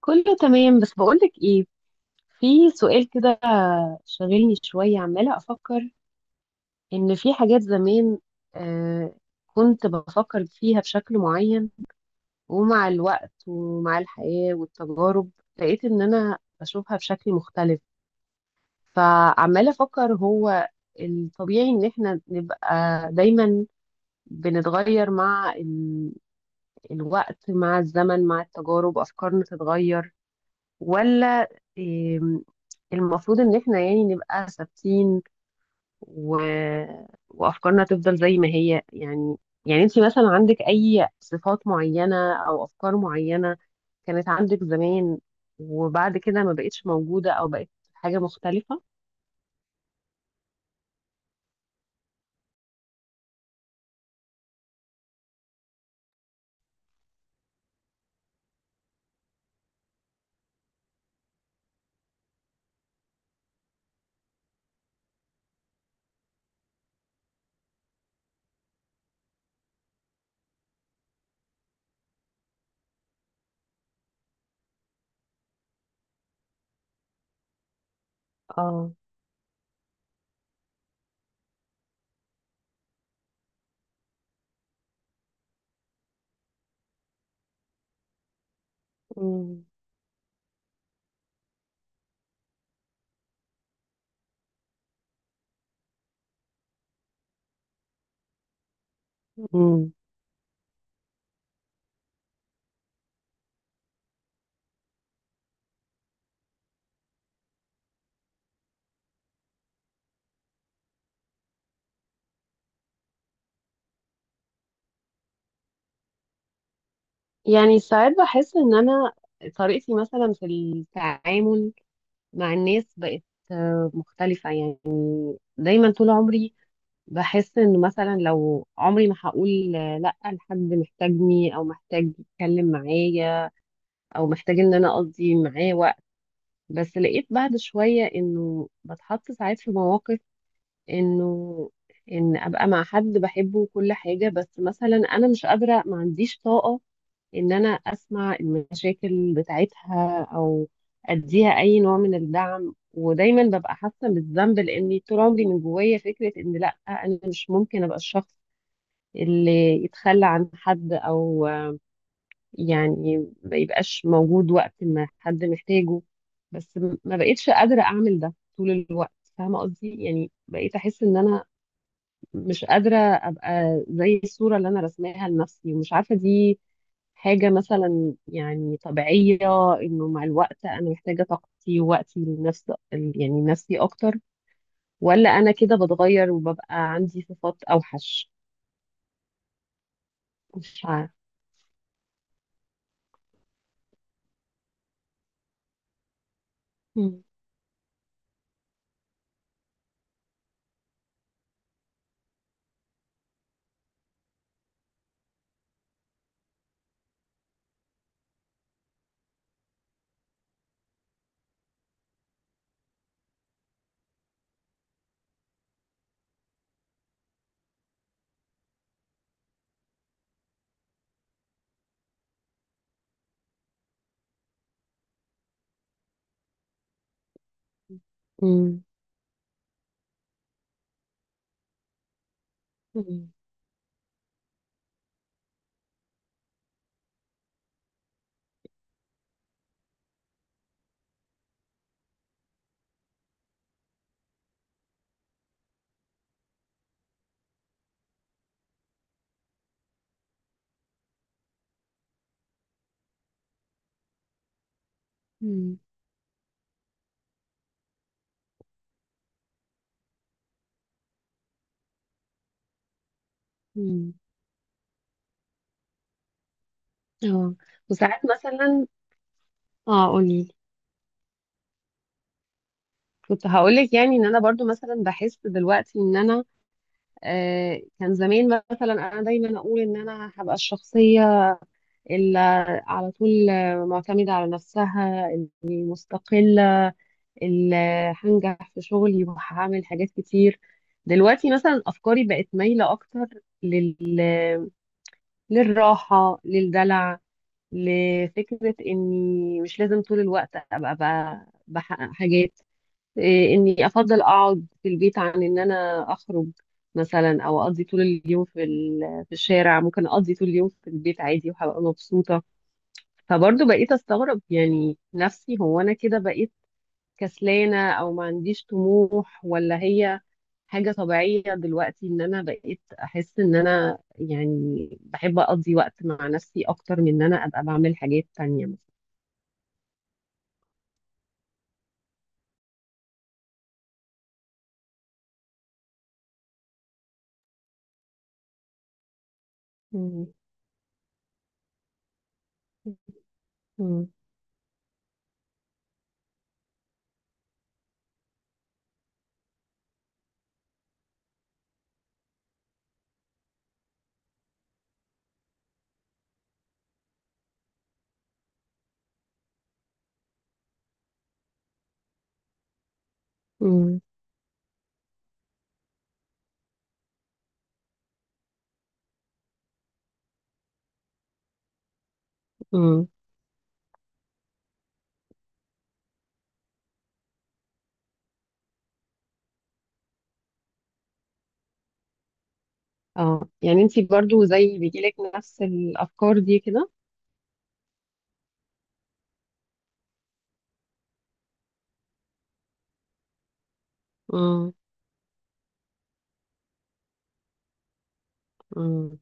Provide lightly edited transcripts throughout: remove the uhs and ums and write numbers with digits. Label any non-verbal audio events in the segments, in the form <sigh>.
كله تمام. بس بقولك ايه، في سؤال كده شاغلني شوية. عمالة أفكر إن في حاجات زمان آه كنت بفكر فيها بشكل معين، ومع الوقت ومع الحياة والتجارب لقيت إن أنا بشوفها بشكل مختلف. فعمالة أفكر، هو الطبيعي إن إحنا نبقى دايما بنتغير مع الوقت، مع الزمن، مع التجارب، أفكارنا تتغير؟ ولا إم، المفروض ان احنا يعني نبقى ثابتين و... وافكارنا تفضل زي ما هي؟ يعني، يعني انت مثلا عندك اي صفات معينة او افكار معينة كانت عندك زمان وبعد كده ما بقتش موجودة او بقت حاجة مختلفة؟ اه. مم. مم. يعني ساعات بحس ان انا طريقتي مثلا في التعامل مع الناس بقت مختلفة يعني. دايما طول عمري بحس انه مثلا لو عمري ما هقول لا لحد محتاجني او محتاج يتكلم معايا او محتاج ان انا اقضي معاه وقت. بس لقيت بعد شوية انه بتحط ساعات في مواقف، انه ان ابقى مع حد بحبه وكل حاجة، بس مثلا انا مش قادرة، ما عنديش طاقة ان انا اسمع المشاكل بتاعتها او اديها اي نوع من الدعم. ودايما ببقى حاسة بالذنب لاني طول عمري من جوايا فكرة ان لا، انا مش ممكن ابقى الشخص اللي يتخلى عن حد او يعني ما يبقاش موجود وقت ما حد محتاجه. بس ما بقيتش قادرة اعمل ده طول الوقت. فاهمة قصدي؟ يعني بقيت احس ان انا مش قادرة ابقى زي الصورة اللي انا رسماها لنفسي، ومش عارفة دي حاجة مثلا يعني طبيعية انه مع الوقت انا محتاجة طاقتي ووقتي لنفسي، يعني نفسي اكتر، ولا انا كده بتغير وببقى عندي صفات اوحش. مش عارفة. مم. مم. مم. مم. اه. وساعات مثلا. اه، قولي. كنت هقولك يعني ان انا برضو مثلا بحس دلوقتي ان انا كان زمان مثلا انا دايما اقول ان انا هبقى الشخصيه اللي على طول معتمده على نفسها، اللي مستقله، اللي هنجح في شغلي وهعمل حاجات كتير. دلوقتي مثلا افكاري بقت مايله اكتر لل... للراحه، للدلع، لفكرة إني مش لازم طول الوقت أبقى بقى بحقق حاجات. إيه، إني أفضل أقعد في البيت عن إن أنا أخرج مثلا، أو أقضي طول اليوم في في الشارع. ممكن أقضي طول اليوم في البيت عادي وهبقى مبسوطة. فبرضه بقيت أستغرب يعني، نفسي هو أنا كده بقيت كسلانة أو ما عنديش طموح، ولا هي حاجة طبيعية دلوقتي إن أنا بقيت أحس إن أنا يعني بحب أقضي وقت مع نفسي أكتر من إن أنا أبقى بعمل حاجات تانية. مم. مم. مم. مم. اه، يعني انتي برضو زي بيجيلك نفس الافكار دي كده؟ مم. مم.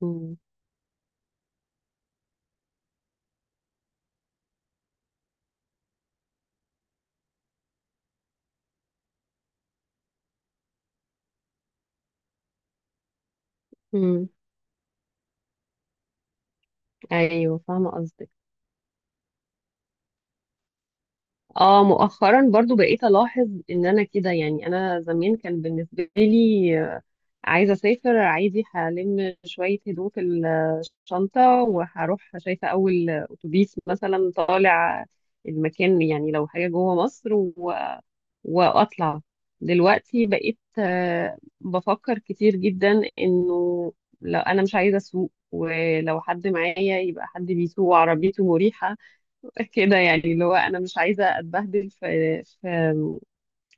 مم. مم. ايوه، فاهمه قصدك. اه، مؤخرا برضو بقيت الاحظ ان انا كده. يعني انا زمان كان بالنسبه لي عايزه اسافر، عايزي هلم شويه هدوم في الشنطه وهروح شايفه اول اتوبيس مثلا طالع المكان، يعني لو حاجه جوه مصر واطلع. دلوقتي بقيت بفكر كتير جدا انه لو انا مش عايزه اسوق، ولو حد معايا يبقى حد بيسوق وعربيته مريحه. <laughs> كده يعني، اللي هو انا مش عايزه اتبهدل في في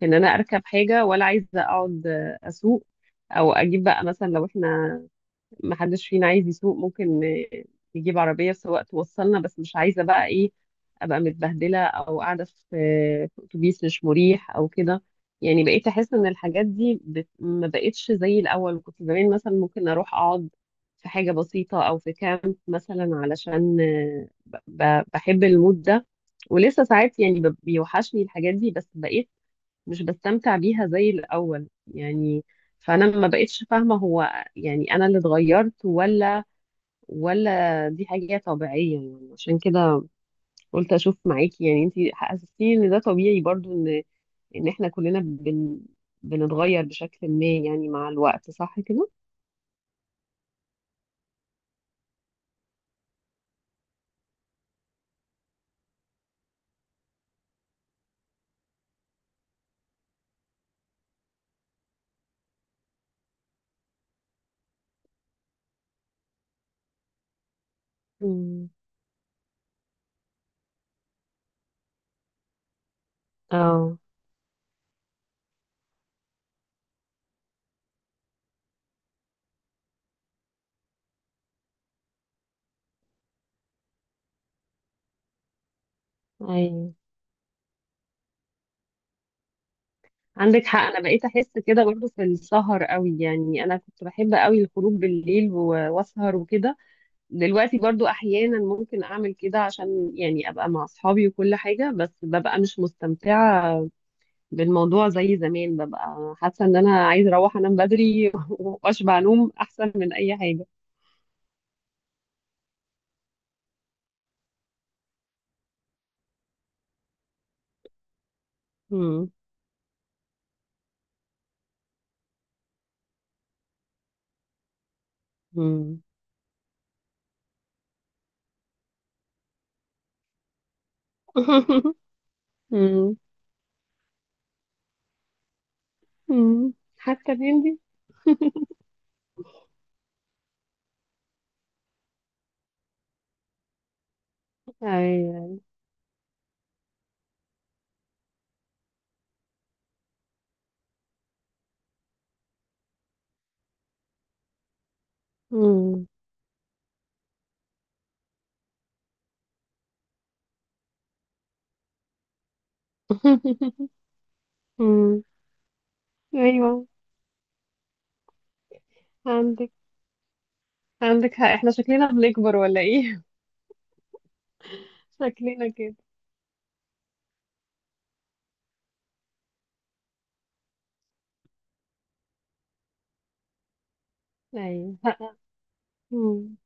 في ان انا اركب حاجه، ولا عايزه اقعد اسوق. او اجيب بقى مثلا لو احنا ما حدش فينا عايز يسوق، ممكن نجيب عربية سواق توصلنا. بس مش عايزة بقى ايه، ابقى متبهدلة او قاعدة في اتوبيس مش مريح او كده. يعني بقيت احس ان الحاجات دي ما بقتش زي الاول. كنت زمان مثلا ممكن اروح اقعد في حاجة بسيطة او في كامب مثلا علشان بحب المود ده. ولسه ساعات يعني بيوحشني الحاجات دي، بس بقيت مش بستمتع بيها زي الأول يعني. فأنا ما بقتش فاهمة، هو يعني أنا اللي اتغيرت، ولا دي حاجة طبيعية؟ يعني عشان كده قلت أشوف معاكي. يعني أنتي حسستيني إن ده طبيعي برضو، إن إحنا كلنا بنتغير بشكل ما يعني مع الوقت، صح كده؟ مم. اه. أيوه، عندك حق. أنا بقيت أحس كده برضو في السهر قوي. يعني أنا كنت بحب قوي الخروج بالليل وأسهر وكده. دلوقتي برضو احيانا ممكن اعمل كده عشان يعني ابقى مع اصحابي وكل حاجة، بس ببقى مش مستمتعة بالموضوع زي زمان، ببقى حاسة ان انا عايزة اروح انام بدري. <laughs> واشبع نوم احسن من اي حاجة. مم. مم. <laughs> مم. مم. حتى بيندي. ايوه. مم. <laughs> مم. ايوه. عندك عندك حق. احنا شكلنا بنكبر ولا ايه؟ <laughs> شكلنا كده. ايوه. مم.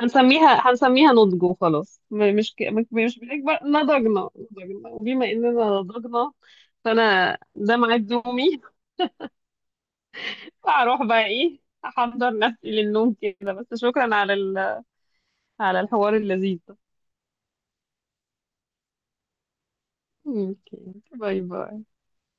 هنسميها نضج وخلاص. م- مش ك... مش مش بنكبر، نضجنا. نضجنا. وبما اننا نضجنا، فانا ده ميعاد نومي. هروح بقى ايه، احضر نفسي للنوم كده. بس شكرا على على الحوار اللذيذ ده. اوكي. باي باي.